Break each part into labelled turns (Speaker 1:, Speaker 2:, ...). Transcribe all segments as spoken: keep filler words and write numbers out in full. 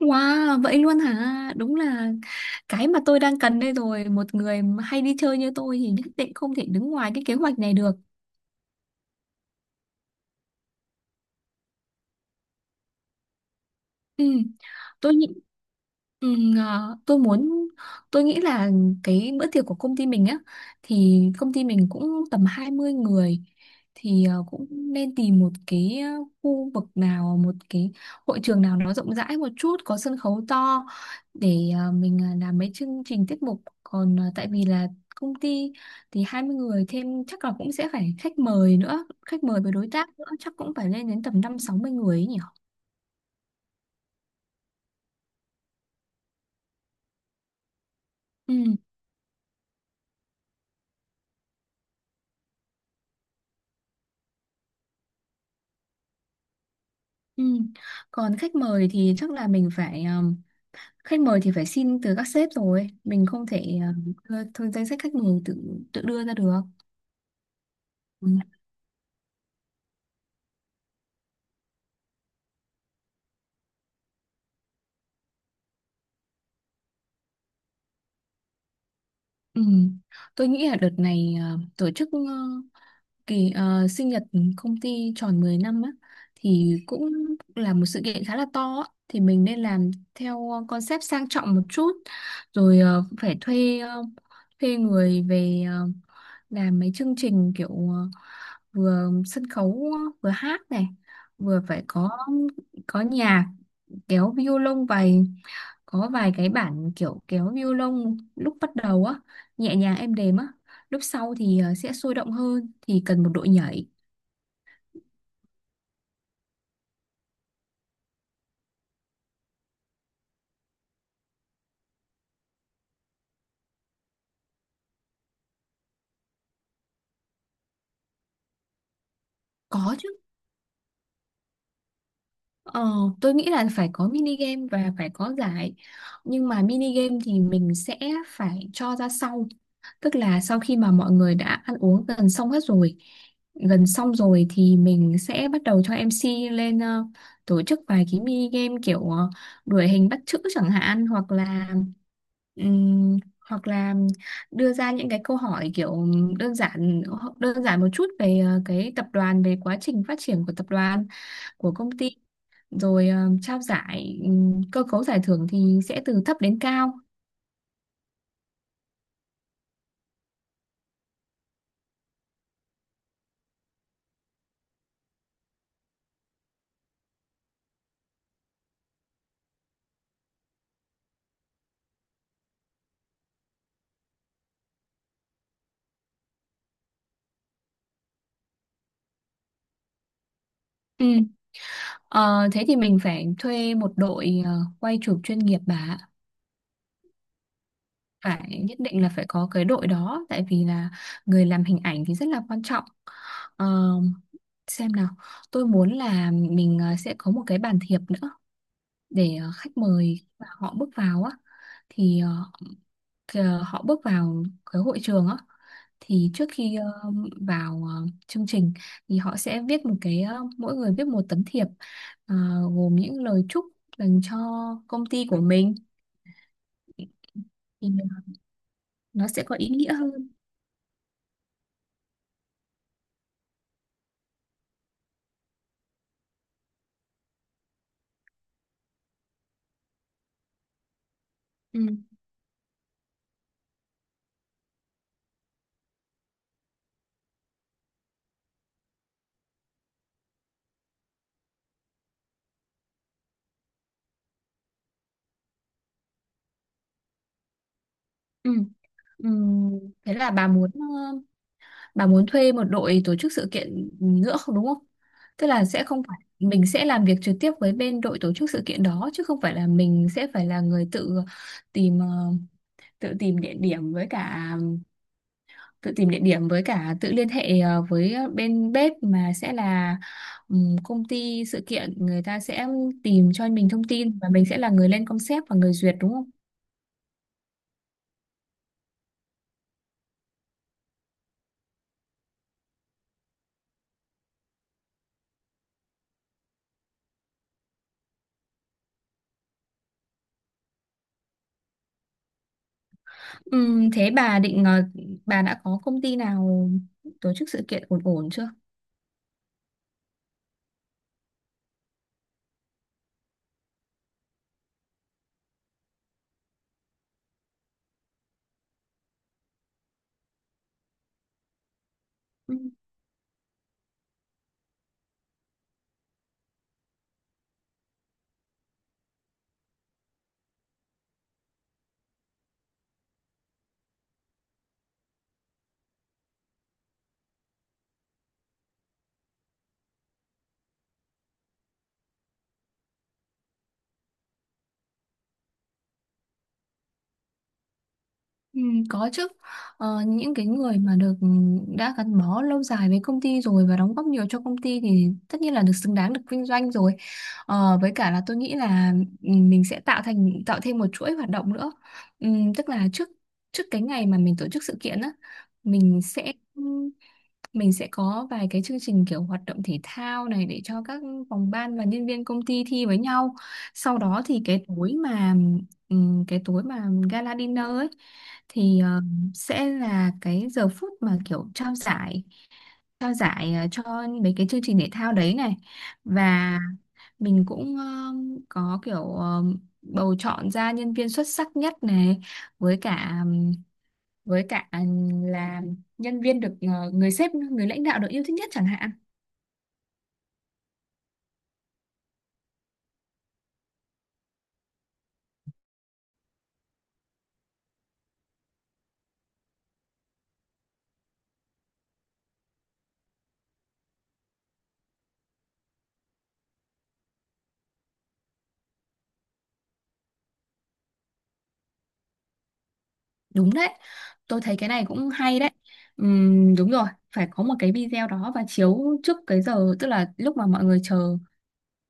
Speaker 1: Wow, vậy luôn hả? Đúng là cái mà tôi đang cần đây rồi. Một người mà hay đi chơi như tôi thì nhất định không thể đứng ngoài cái kế hoạch này được. Ừ, tôi nghĩ Ừ, à, tôi muốn tôi nghĩ là cái bữa tiệc của công ty mình á thì công ty mình cũng tầm hai mươi người, thì à, cũng nên tìm một cái à, khu vực nào, một cái hội trường nào nó rộng rãi một chút, có sân khấu to để à, mình à, làm mấy chương trình tiết mục, còn à, tại vì là công ty thì hai mươi người, thêm chắc là cũng sẽ phải khách mời nữa, khách mời với đối tác nữa chắc cũng phải lên đến tầm năm sáu mươi người ấy nhỉ. Ừ. Ừ. Còn khách mời thì chắc là mình phải um, khách mời thì phải xin từ các sếp, rồi mình không thể um, đưa- thôi danh sách khách mời tự tự đưa ra được. Ừ. Ừ. Tôi nghĩ là đợt này uh, tổ chức uh, kỳ uh, sinh nhật công ty tròn mười năm á, thì cũng là một sự kiện khá là to á. Thì mình nên làm theo ờ, concept sang trọng một chút, rồi uh, phải thuê uh, thuê người về uh, làm mấy chương trình kiểu ờ, vừa sân khấu, vừa hát này, vừa phải có có nhạc kéo violon, vài có vài cái bản kiểu kéo violon lúc bắt đầu á, nhẹ nhàng êm đềm á, lúc sau thì ờ, sẽ sôi động hơn thì cần một đội nhảy. Có chứ. Ờ, tôi nghĩ là phải có mini game và phải có giải. Nhưng mà mini game thì mình sẽ phải cho ra sau. Tức là sau khi mà mọi người đã ăn uống gần xong hết rồi, gần xong rồi thì mình sẽ bắt đầu cho em xê lên ờ, tổ chức vài cái mini game kiểu ờ, đuổi hình bắt chữ chẳng hạn, hoặc là ừm, hoặc là đưa ra những cái câu hỏi kiểu đơn giản, đơn giản một chút về ờ, cái tập đoàn, về quá trình phát triển của tập đoàn, của công ty, rồi ờ, trao giải. Ừm, cơ cấu giải thưởng thì sẽ từ thấp đến cao. Ừ. Ờ, thế thì mình phải thuê một đội ờ, quay chụp chuyên nghiệp bà ạ. Phải nhất định là phải có cái đội đó, tại vì là người làm hình ảnh thì rất là quan trọng. Ờ, xem nào, tôi muốn là mình ờ, sẽ có một cái bàn thiệp nữa, để ờ, khách mời mà họ bước vào á, thì ờ, kìa, họ bước vào cái hội trường á, thì trước khi ờ, vào ờ, chương trình thì họ sẽ viết một cái ờ, mỗi người viết một tấm thiệp, ờ, gồm những lời chúc dành cho công ty của mình, thì nó sẽ có ý nghĩa hơn. Ừ. Ừ. Ừ. Thế là bà muốn ờ, bà muốn thuê một đội tổ chức sự kiện nữa không, đúng không? Tức là sẽ không phải mình sẽ làm việc trực tiếp với bên đội tổ chức sự kiện đó, chứ không phải là mình sẽ phải là người tự tìm ờ, tự tìm địa điểm với cả tự tìm địa điểm với cả tự liên hệ ờ, với bên bếp, mà sẽ là ừm, công ty sự kiện người ta sẽ tìm cho mình thông tin, và mình sẽ là người lên concept và người duyệt, đúng không? Ừm, thế bà định ờ, bà đã có công ty nào tổ chức sự kiện ổn ổn chưa? Ừ. Ừ, có chứ. Ờ, những cái người mà được, đã gắn bó lâu dài với công ty rồi và đóng góp nhiều cho công ty thì tất nhiên là được, xứng đáng được vinh doanh rồi. Ờ, với cả là tôi nghĩ là ừ, mình sẽ tạo thành tạo thêm một chuỗi hoạt động nữa. Ừm, tức là trước trước cái ngày mà mình tổ chức sự kiện á, mình sẽ mình sẽ có vài cái chương trình kiểu hoạt động thể thao này để cho các phòng ban và nhân viên công ty thi với nhau. Sau đó thì cái tối mà ừm, cái tối mà gala dinner ấy, thì ờ, sẽ là cái giờ phút mà kiểu trao giải, trao giải ờ, cho mấy cái chương trình thể thao đấy này, và mình cũng ờ, có kiểu ờ, bầu chọn ra nhân viên xuất sắc nhất này, với cả với cả à, là nhân viên được ờ, người sếp, người lãnh đạo được yêu thích nhất chẳng hạn. Đúng đấy, tôi thấy cái này cũng hay đấy. Ừm, đúng rồi, phải có một cái video đó và chiếu trước cái giờ, tức là lúc mà mọi người chờ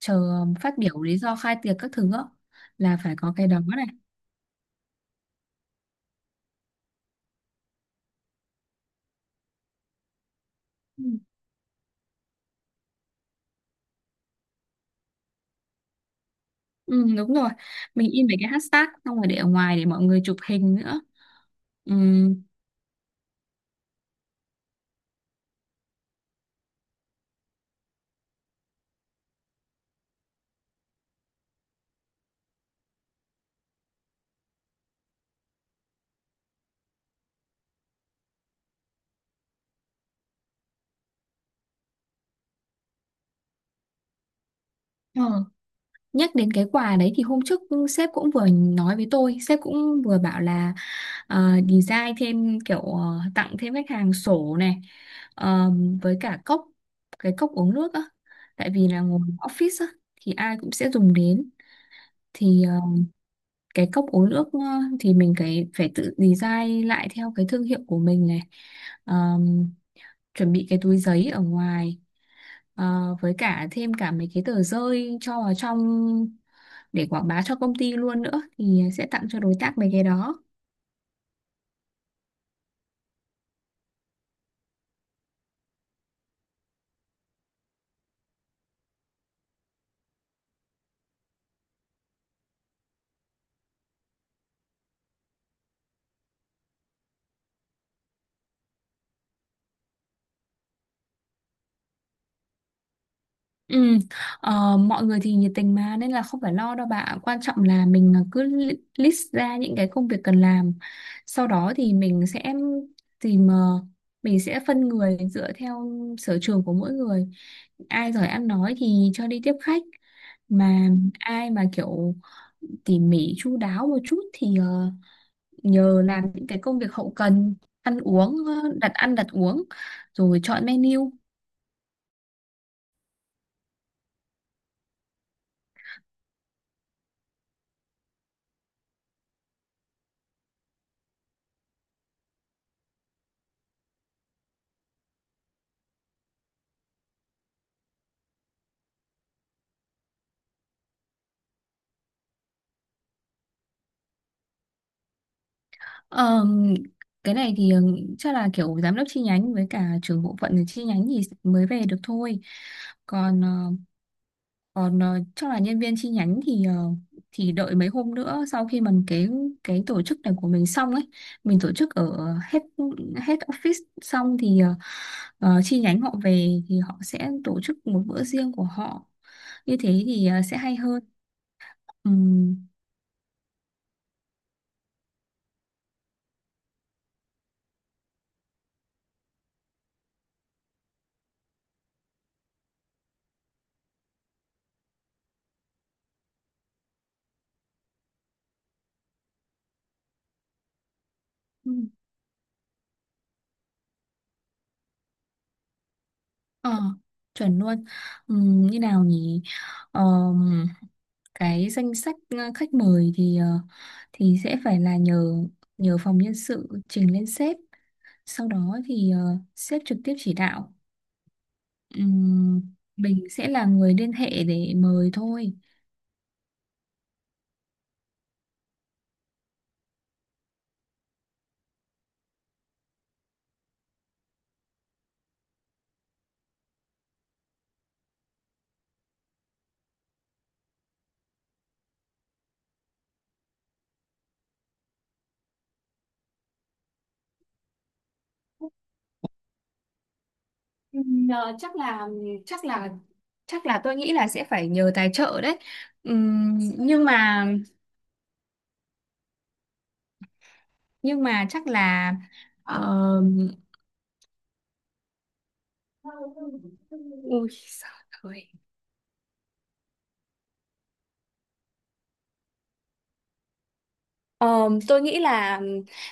Speaker 1: chờ phát biểu lý do khai tiệc các thứ á, là phải có cái đó này. Ừ. Ừ, đúng rồi, mình in mấy cái hashtag xong rồi để ở ngoài để mọi người chụp hình nữa. Ừ. Nhắc đến cái quà đấy thì hôm trước sếp cũng vừa nói với tôi, sếp cũng vừa bảo là ờ, design thêm kiểu ờ, tặng thêm khách hàng sổ này, ờ, với cả cốc cái cốc uống nước á. Tại vì là ngồi office á thì ai cũng sẽ dùng đến, thì ờ, cái cốc uống nước ờ, thì mình cái phải tự design lại theo cái thương hiệu của mình này. Ờ, chuẩn bị cái túi giấy ở ngoài, ờ, với cả thêm cả mấy cái tờ rơi cho vào trong để quảng bá cho công ty luôn nữa, thì sẽ tặng cho đối tác mấy cái đó. Ừ. Ờ, mọi người thì nhiệt tình mà, nên là không phải lo đâu bạn, quan trọng là mình cứ li- list ra những cái công việc cần làm, sau đó thì mình sẽ tìm ờ, mình sẽ phân người dựa theo sở trường của mỗi người. Ai giỏi ăn nói thì cho đi tiếp khách, mà ai mà kiểu tỉ mỉ chu đáo một chút thì ờ, nhờ làm những cái công việc hậu cần, ăn uống, ờ, đặt ăn đặt uống rồi chọn menu. Ờm, cái này thì ờ, chắc là kiểu giám đốc chi nhánh với cả trưởng bộ phận ở chi nhánh thì mới về được thôi. Còn ờ, Còn ờ, chắc là nhân viên chi nhánh thì ờ, thì đợi mấy hôm nữa, sau khi mà cái cái tổ chức này của mình xong ấy, mình tổ chức ở hết hết office xong thì ờ, ờ, chi nhánh họ về thì họ sẽ tổ chức một bữa riêng của họ. Như thế thì ờ, sẽ hay hơn. Ừm, ừm, Ờ, chuẩn luôn. Ừm, như nào nhỉ? Ờm, cái danh sách ờ, khách mời thì ờ, thì sẽ phải là nhờ nhờ phòng nhân sự trình lên sếp. Sau đó thì ờ, sếp trực tiếp chỉ đạo. Ừm, mình sẽ là người liên hệ để mời thôi. Ừm, ờ, chắc là chắc là chắc là tôi nghĩ là sẽ phải nhờ tài trợ đấy. Ừm, nhưng mà nhưng mà chắc là ờ, ui giời ơi. Ờ, tôi nghĩ là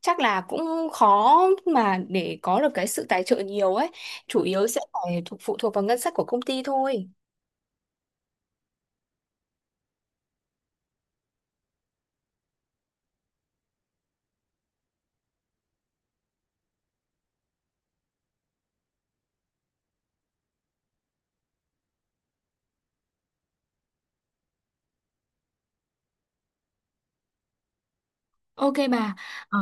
Speaker 1: chắc là cũng khó mà để có được cái sự tài trợ nhiều ấy. Chủ yếu sẽ phải thuộc phụ thuộc vào ngân sách của công ty thôi. Ok bà. Ờ.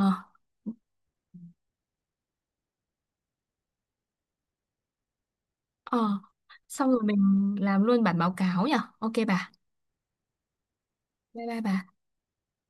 Speaker 1: Ờ, xong rồi mình làm luôn bản báo cáo nhỉ? Ok bà. Bye bye bà.